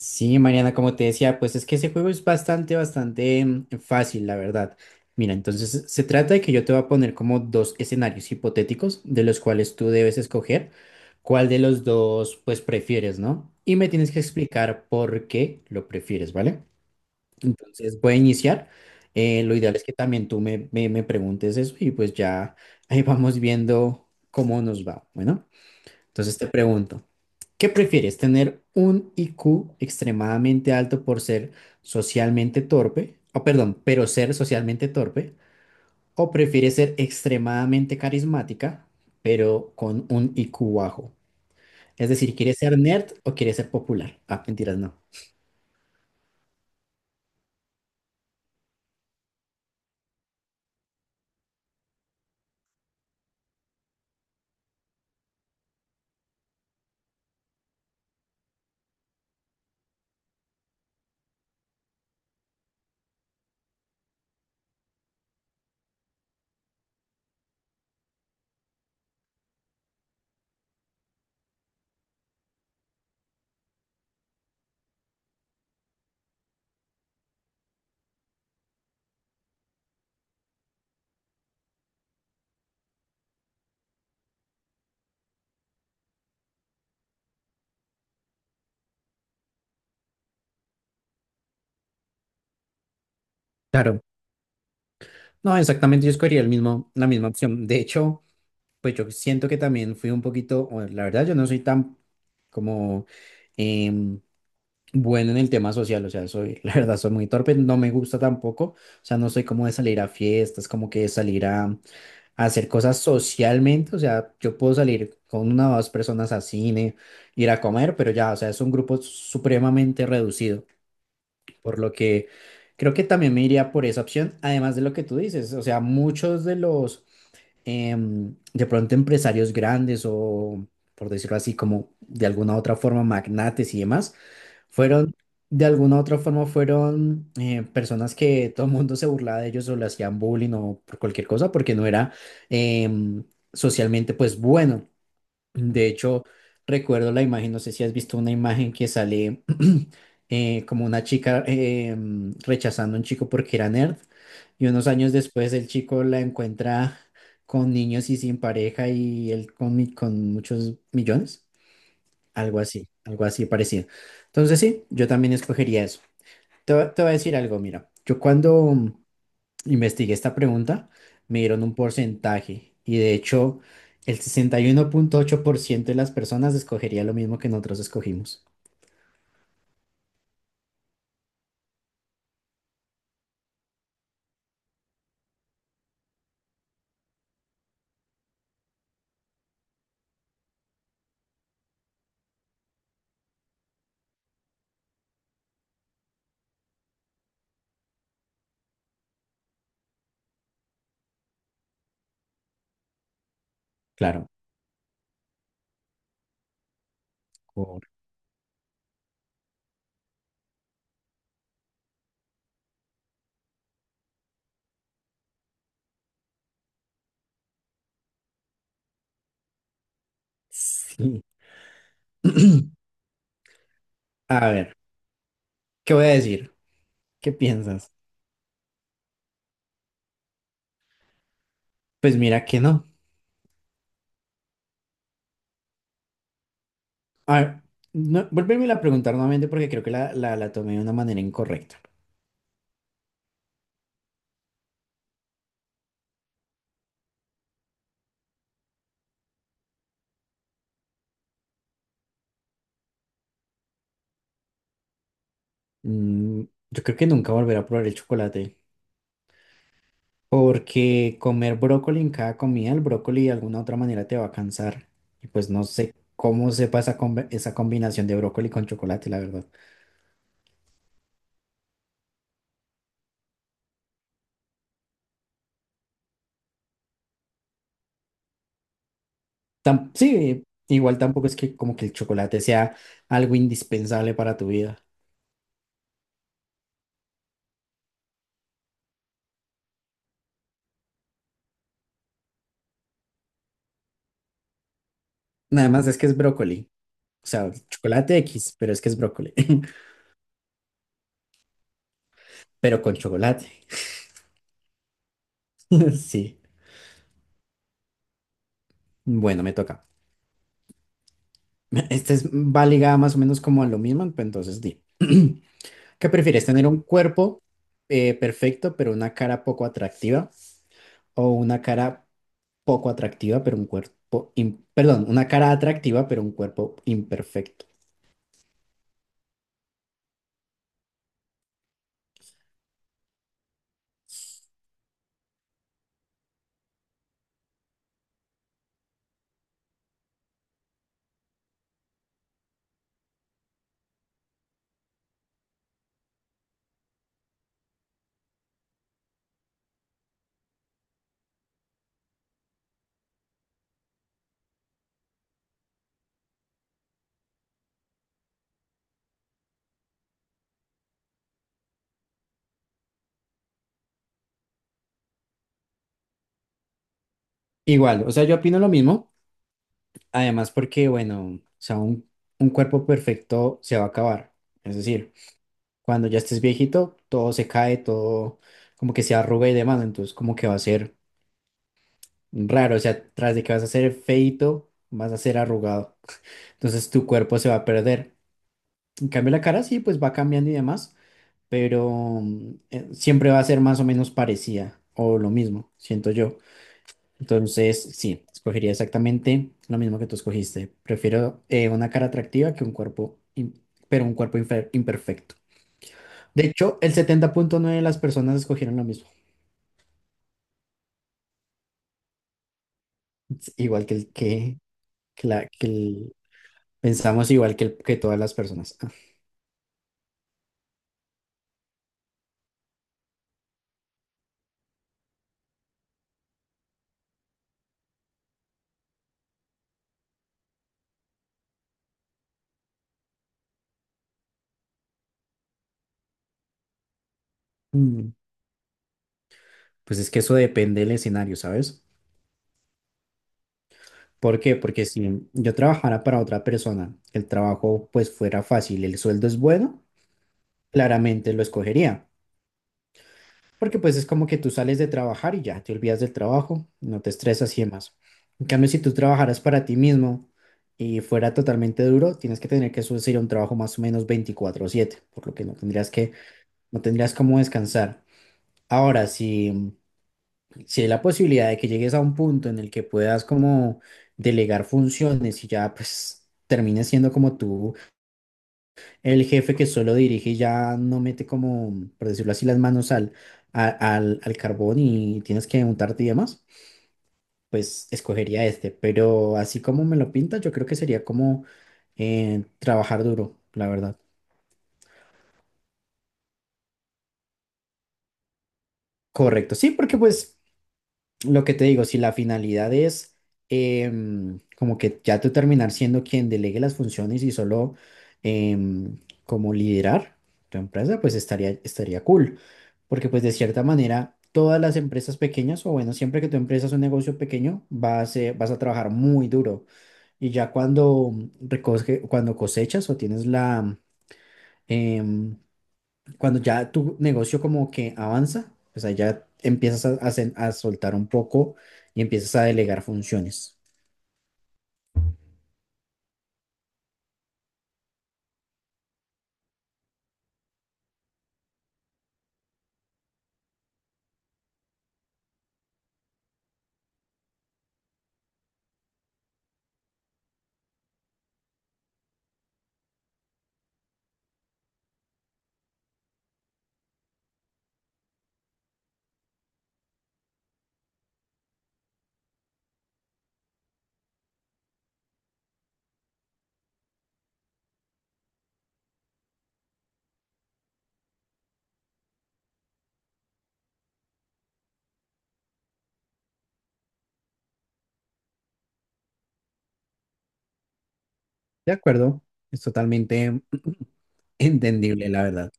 Sí, Mariana, como te decía, pues es que ese juego es bastante, bastante fácil, la verdad. Mira, entonces se trata de que yo te voy a poner como dos escenarios hipotéticos de los cuales tú debes escoger cuál de los dos pues prefieres, ¿no? Y me tienes que explicar por qué lo prefieres, ¿vale? Entonces voy a iniciar. Lo ideal es que también tú me preguntes eso y pues ya ahí vamos viendo cómo nos va. Bueno. Entonces te pregunto, ¿qué prefieres? ¿Tener un IQ extremadamente alto por ser socialmente torpe? O perdón, pero ser socialmente torpe. ¿O prefieres ser extremadamente carismática, pero con un IQ bajo? Es decir, ¿quieres ser nerd o quieres ser popular? Ah, mentiras, no. Claro. No, exactamente, yo escogería el mismo, la misma opción. De hecho, pues yo siento que también fui un poquito, o la verdad, yo no soy tan como em, bueno en el tema social, o sea, soy, la verdad, soy muy torpe, no me gusta tampoco, o sea, no soy como de salir a fiestas, como que de salir a hacer cosas socialmente, o sea, yo puedo salir con una o dos personas a cine, ir a comer, pero ya, o sea, es un grupo supremamente reducido, por lo que creo que también me iría por esa opción, además de lo que tú dices, o sea, muchos de los de pronto empresarios grandes o, por decirlo así, como de alguna otra forma, magnates y demás, fueron, de alguna otra forma, fueron personas que todo el mundo se burlaba de ellos o le hacían bullying o por cualquier cosa porque no era em, socialmente, pues bueno. De hecho, recuerdo la imagen, no sé si has visto una imagen que sale como una chica rechazando a un chico porque era nerd y unos años después el chico la encuentra con niños y sin pareja y él con muchos millones, algo así parecido. Entonces sí, yo también escogería eso. Te voy a decir algo, mira, yo cuando investigué esta pregunta, me dieron un porcentaje y de hecho el 61,8% de las personas escogería lo mismo que nosotros escogimos. Claro. por- Sí. A ver, ¿qué voy a decir? ¿Qué piensas? Pues mira que no. A ver, no, vuélvemela a preguntar nuevamente porque creo que la tomé de una manera incorrecta. Mm, yo creo que nunca volveré a probar el chocolate. Porque comer brócoli en cada comida, el brócoli de alguna otra manera te va a cansar. Y pues no sé cómo sepa esa combinación de brócoli con chocolate, la verdad. Sí, igual tampoco es que como que el chocolate sea algo indispensable para tu vida. Nada más es que es brócoli. O sea, chocolate X, pero es que es brócoli. Pero con chocolate. Sí. Bueno, me toca. Va ligada más o menos como a lo mismo, pues entonces di. ¿Qué prefieres? ¿Tener un cuerpo perfecto pero una cara poco atractiva? ¿O una cara poco atractiva pero un cuerpo, perdón, una cara atractiva pero un cuerpo imperfecto? Igual, o sea, yo opino lo mismo. Además porque, bueno, o sea, un, cuerpo perfecto se va a acabar. Es decir, cuando ya estés viejito, todo se cae, todo como que se arruga y demás. Entonces como que va a ser raro. O sea, tras de que vas a ser feito, vas a ser arrugado. Entonces tu cuerpo se va a perder. En cambio, la cara sí, pues va cambiando y demás, pero siempre va a ser más o menos parecida o lo mismo, siento yo. Entonces, sí, escogería exactamente lo mismo que tú escogiste. Prefiero una cara atractiva que un cuerpo, pero un cuerpo imperfecto. De hecho, el 70,9 de las personas escogieron lo mismo. Es igual que el que la- que el- pensamos igual que todas las personas. Ah. mm, Pues es que eso depende del escenario, ¿sabes? ¿Por qué? Porque si yo trabajara para otra persona, el trabajo pues fuera fácil, el sueldo es bueno, claramente lo escogería. Porque pues es como que tú sales de trabajar y ya te olvidas del trabajo, no te estresas y demás. En cambio, si tú trabajaras para ti mismo y fuera totalmente duro, tienes que tener que subir un trabajo más o menos 24/7, por lo que, no tendrías cómo descansar. Ahora, si hay la posibilidad de que llegues a un punto en el que puedas como delegar funciones y ya pues termines siendo como tú el jefe que solo dirige y ya no mete como, por decirlo así, las manos a- al carbón y tienes que untarte y demás, pues escogería este. Pero así como me lo pinta, yo creo que sería como trabajar duro, la verdad. Correcto, sí, porque pues lo que te digo, si la finalidad es como que ya tú terminar siendo quien delegue las funciones y solo em, como liderar tu empresa, pues estaría cool. Porque pues de cierta manera, todas las empresas pequeñas, o bueno, siempre que tu empresa es un negocio pequeño, vas a trabajar muy duro. Y ya cuando cuando cosechas o em, cuando ya tu negocio como que avanza, pues ahí ya empiezas a soltar un poco y empiezas a delegar funciones. De acuerdo, es totalmente entendible, la verdad,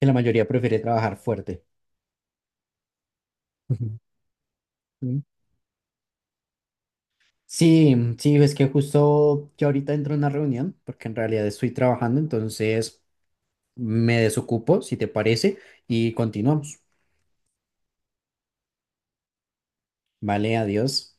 que la mayoría prefiere trabajar fuerte. Ujú. Mm. Sí, sí, es que justo yo ahorita entro en una reunión, porque en realidad estoy trabajando, entonces me desocupo, si te parece, y continuamos. Vale, adiós.